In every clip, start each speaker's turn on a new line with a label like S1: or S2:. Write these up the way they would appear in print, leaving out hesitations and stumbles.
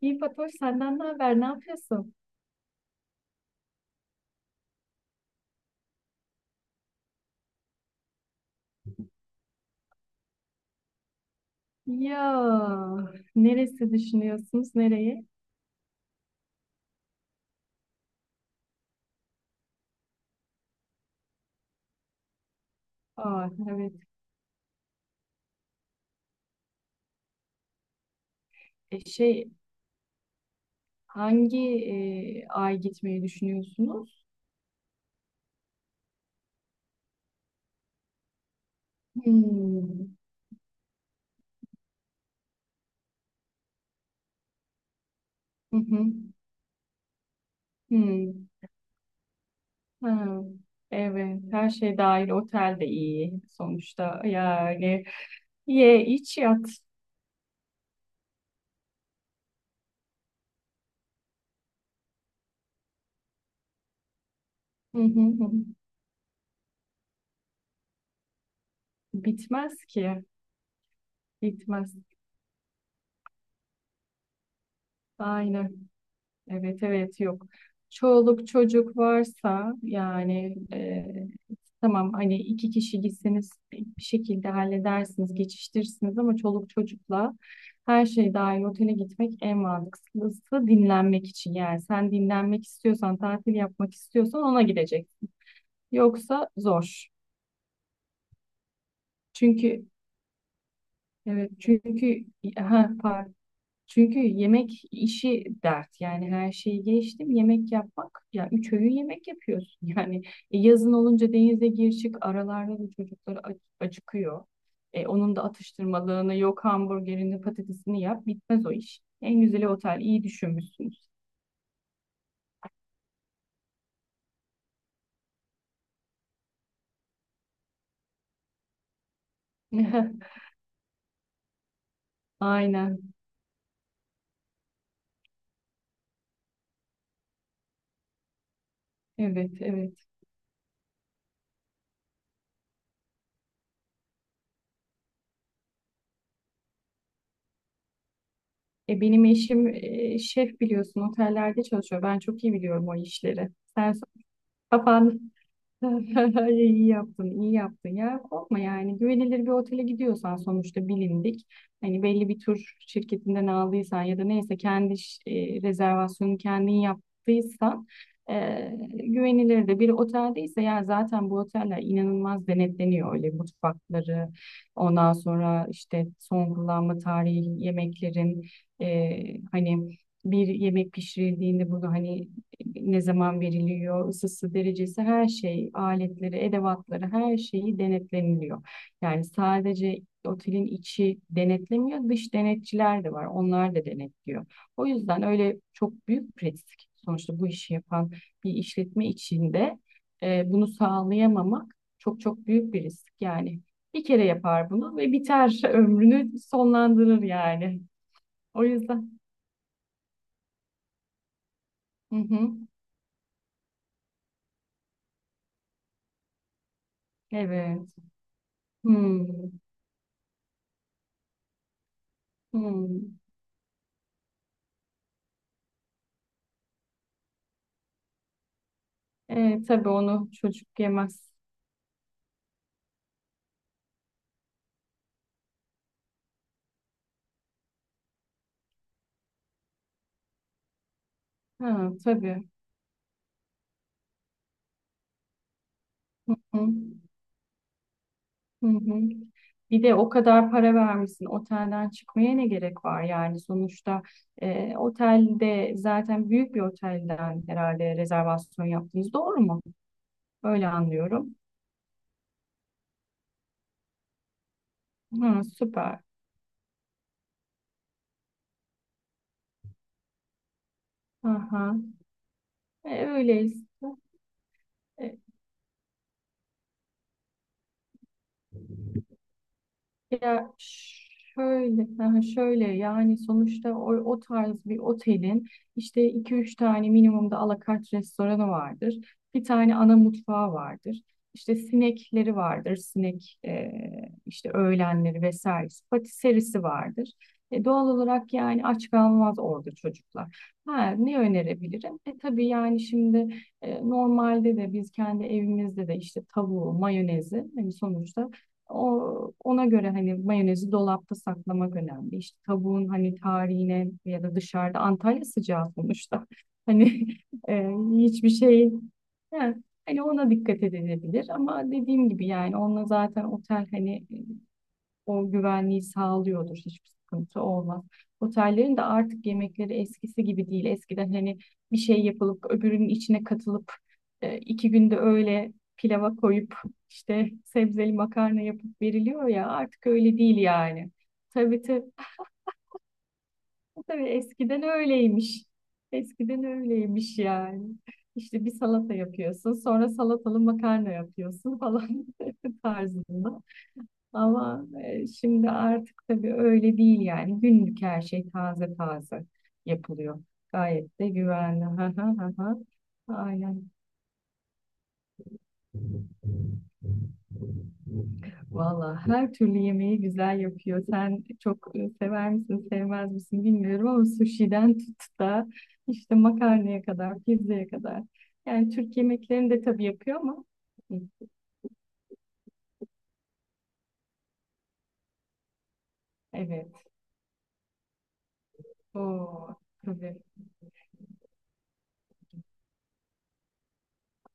S1: İyi Fatoş senden ne haber? Ne yapıyorsun? Ya neresi düşünüyorsunuz? Nereye? Aa, evet. E, şey hangi ay gitmeyi düşünüyorsunuz? Hmm. Hı hı. Hmm. Ha. Evet. Her şey dahil otel de iyi sonuçta. Yani ye iç yat. Hı hı hı. Bitmez ki. Bitmez. Aynen. Evet evet yok. Çoluk çocuk varsa yani e, Tamam hani iki kişi gitseniz bir şekilde halledersiniz, geçiştirirsiniz ama çoluk çocukla her şey dahil otele gitmek en mantıklısı dinlenmek için. Yani sen dinlenmek istiyorsan, tatil yapmak istiyorsan ona gideceksin. Yoksa zor. Çünkü evet çünkü Ha, pardon. Çünkü yemek işi dert yani her şeyi geçtim yemek yapmak ya üç öğün yemek yapıyorsun yani yazın olunca denize gir çık aralarda da çocuklar acıkıyor. Onun da atıştırmalığını yok hamburgerini patatesini yap bitmez o iş. En güzeli otel iyi düşünmüşsünüz. Aynen evet evet. Benim eşim şef biliyorsun otellerde çalışıyor ben çok iyi biliyorum o işleri. Sen kapan. İyi yaptın, iyi yaptın ya. Korkma yani güvenilir bir otele gidiyorsan sonuçta bilindik. Hani belli bir tur şirketinden aldıysan ya da neyse kendi rezervasyonu kendin yaptıysan e, güvenilir de bir oteldeyse ya zaten bu oteller inanılmaz denetleniyor öyle mutfakları ondan sonra işte son kullanma tarihi yemeklerin e, hani bir yemek pişirildiğinde bunu hani ne zaman veriliyor, ısısı, derecesi, her şey, aletleri, edevatları, her şeyi denetleniliyor. Yani sadece otelin içi denetlemiyor, dış denetçiler de var, onlar da denetliyor. O yüzden öyle çok büyük risk sonuçta bu işi yapan bir işletme içinde bunu sağlayamamak çok büyük bir risk. Yani bir kere yapar bunu ve biter ömrünü sonlandırır yani. O yüzden. Hı hı. Evet. Hmm. Hmm. Tabii onu çocuk yemez. Ha, tabii. Hı, hı, hı. Bir de o kadar para vermişsin. Otelden çıkmaya ne gerek var? Yani sonuçta otelde zaten büyük bir otelden herhalde rezervasyon yaptınız. Doğru mu? Öyle anlıyorum. Ha süper. Aha. E, öyleyse. Ya şöyle, ha şöyle yani sonuçta o tarz bir otelin işte iki üç tane minimumda alakart restoranı vardır. Bir tane ana mutfağı vardır. İşte sinekleri vardır. İşte öğlenleri vesairesi. Patiserisi vardır. Doğal olarak yani aç kalmaz orada çocuklar. Ha, ne önerebilirim? E tabii yani şimdi normalde de biz kendi evimizde de işte tavuğu, mayonezi hani sonuçta ona göre hani mayonezi dolapta saklamak önemli. İşte tavuğun hani tarihine ya da dışarıda Antalya sıcağı sonuçta. Hani e, hiçbir şey. Ha, hani ona dikkat edilebilir ama dediğim gibi yani onunla zaten otel hani o güvenliği sağlıyordur. Hiçbir sıkıntı olmaz. Otellerin de artık yemekleri eskisi gibi değil. Eskiden hani bir şey yapılıp öbürünün içine katılıp iki günde öyle pilava koyup işte sebzeli makarna yapıp veriliyor ya artık öyle değil yani. Tabii tabii, tabii eskiden öyleymiş. Eskiden öyleymiş yani. İşte bir salata yapıyorsun, sonra salatalı makarna yapıyorsun falan tarzında. Ama şimdi artık tabii öyle değil yani. Günlük her şey taze yapılıyor. Gayet de güvenli. Ha ha ha ha. Aynen. Valla her türlü yemeği güzel yapıyor. Sen çok sever misin, sevmez misin bilmiyorum ama sushi'den tut da işte makarnaya kadar, pizzaya kadar. Yani Türk yemeklerini de tabii yapıyor ama hı, evet. O tabii.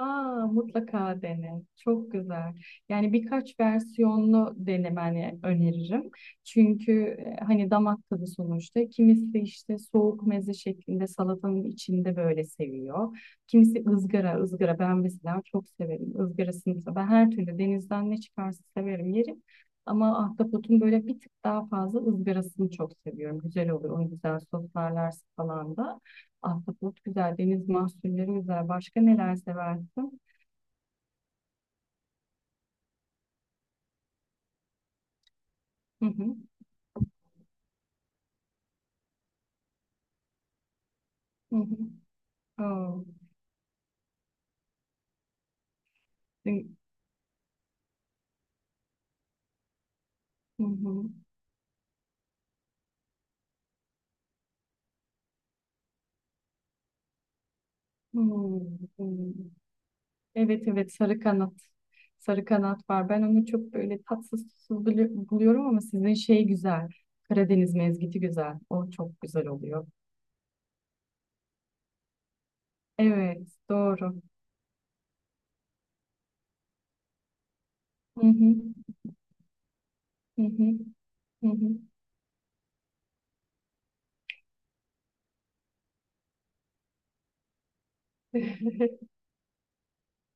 S1: Aa, mutlaka dene. Çok güzel. Yani birkaç versiyonlu denemeni öneririm. Çünkü hani damak tadı sonuçta. Kimisi işte soğuk meze şeklinde salatanın içinde böyle seviyor. Kimisi ızgara, ızgara. Ben mesela çok severim ızgarasını. Mesela. Ben her türlü denizden ne çıkarsa severim yerim. Ama ahtapotun böyle bir tık daha fazla ızgarasını çok seviyorum. Güzel oluyor. Onu güzel soslarlar falan da. Ahtapot güzel, deniz mahsulleri güzel. Başka neler seversin? Hı hı. Hı hı. Oo. Hı hı. Hmm, hmm. Evet evet sarı kanat. Sarı kanat var. Ben onu çok böyle tatsız tuzsuz buluyorum ama sizin şey güzel. Karadeniz mezgiti güzel. O çok güzel oluyor. Evet doğru. Hı hı. Hı hı. Hı hı.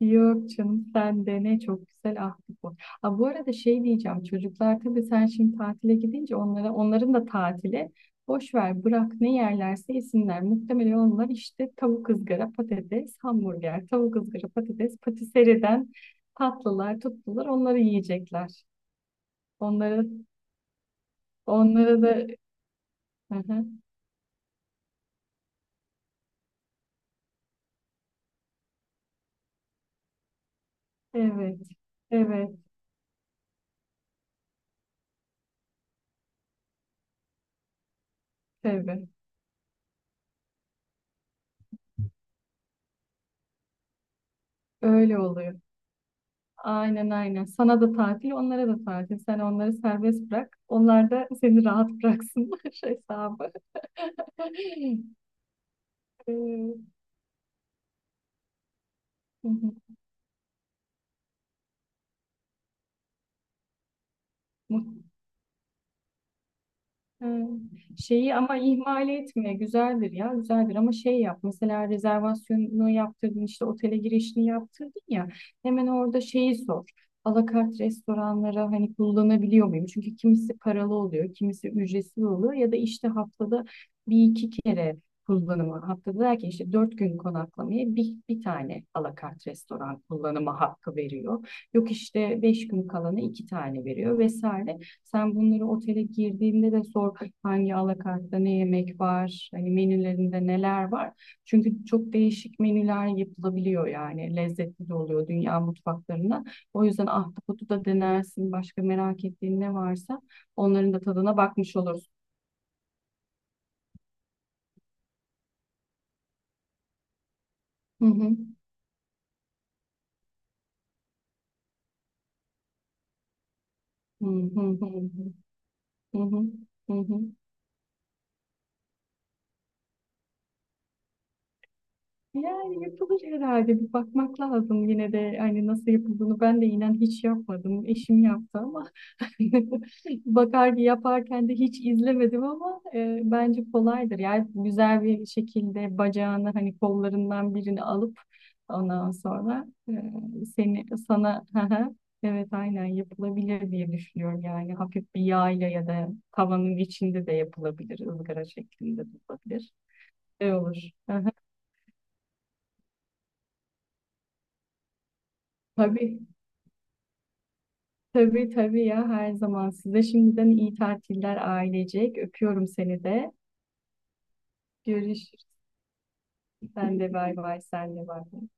S1: Yok canım sen de ne çok güzel ahtapot bu. Aa, bu arada şey diyeceğim çocuklar tabii sen şimdi tatile gidince onlara onların da tatili boş ver bırak ne yerlerse yesinler. Muhtemelen onlar işte tavuk ızgara patates hamburger tavuk ızgara patates patiseriden tatlılar tuttular onları yiyecekler. Onlara onlara da. Hı hı. Evet evet tabii öyle oluyor. Aynen aynen. Sana da tatil, onlara da tatil. Sen onları serbest bırak. Onlar da seni rahat bıraksınlar hesabı. Ee, hı hı. Ee, Şeyi ama ihmal etme güzeldir ya güzeldir ama şey yap mesela rezervasyonunu yaptırdın işte otele girişini yaptırdın ya hemen orada şeyi sor alakart restoranlara hani kullanabiliyor muyum çünkü kimisi paralı oluyor kimisi ücretsiz oluyor ya da işte haftada bir iki kere kullanımı haftada derken işte dört gün konaklamaya bir tane alakart restoran kullanımı hakkı veriyor yok işte beş gün kalana iki tane veriyor vesaire sen bunları otele girdiğinde de sor hangi alakartta ne yemek var, hani menülerinde neler var. Çünkü çok değişik menüler yapılabiliyor yani lezzetli de oluyor dünya mutfaklarına. O yüzden ahtapotu da denersin, başka merak ettiğin ne varsa onların da tadına bakmış olursun. Hı hı. Hı hı hı hı. Hı hı. Hı hı. Yani yapılır herhalde bir bakmak lazım yine de hani nasıl yapıldığını ben de inan hiç yapmadım. Eşim yaptı ama bakar ki yaparken de hiç izlemedim ama bence kolaydır. Yani güzel bir şekilde bacağını hani kollarından birini alıp ondan sonra e, seni sana hı hı, evet aynen yapılabilir diye düşünüyorum. Yani hafif bir yağ ile ya da tavanın içinde de yapılabilir ızgara şeklinde de olabilir. Ne olur. Hı hı. Tabii. Tabii tabii ya her zaman. Size şimdiden iyi tatiller ailecek. Öpüyorum seni de. Görüşürüz. Sen de bay bay, sen de bay bay.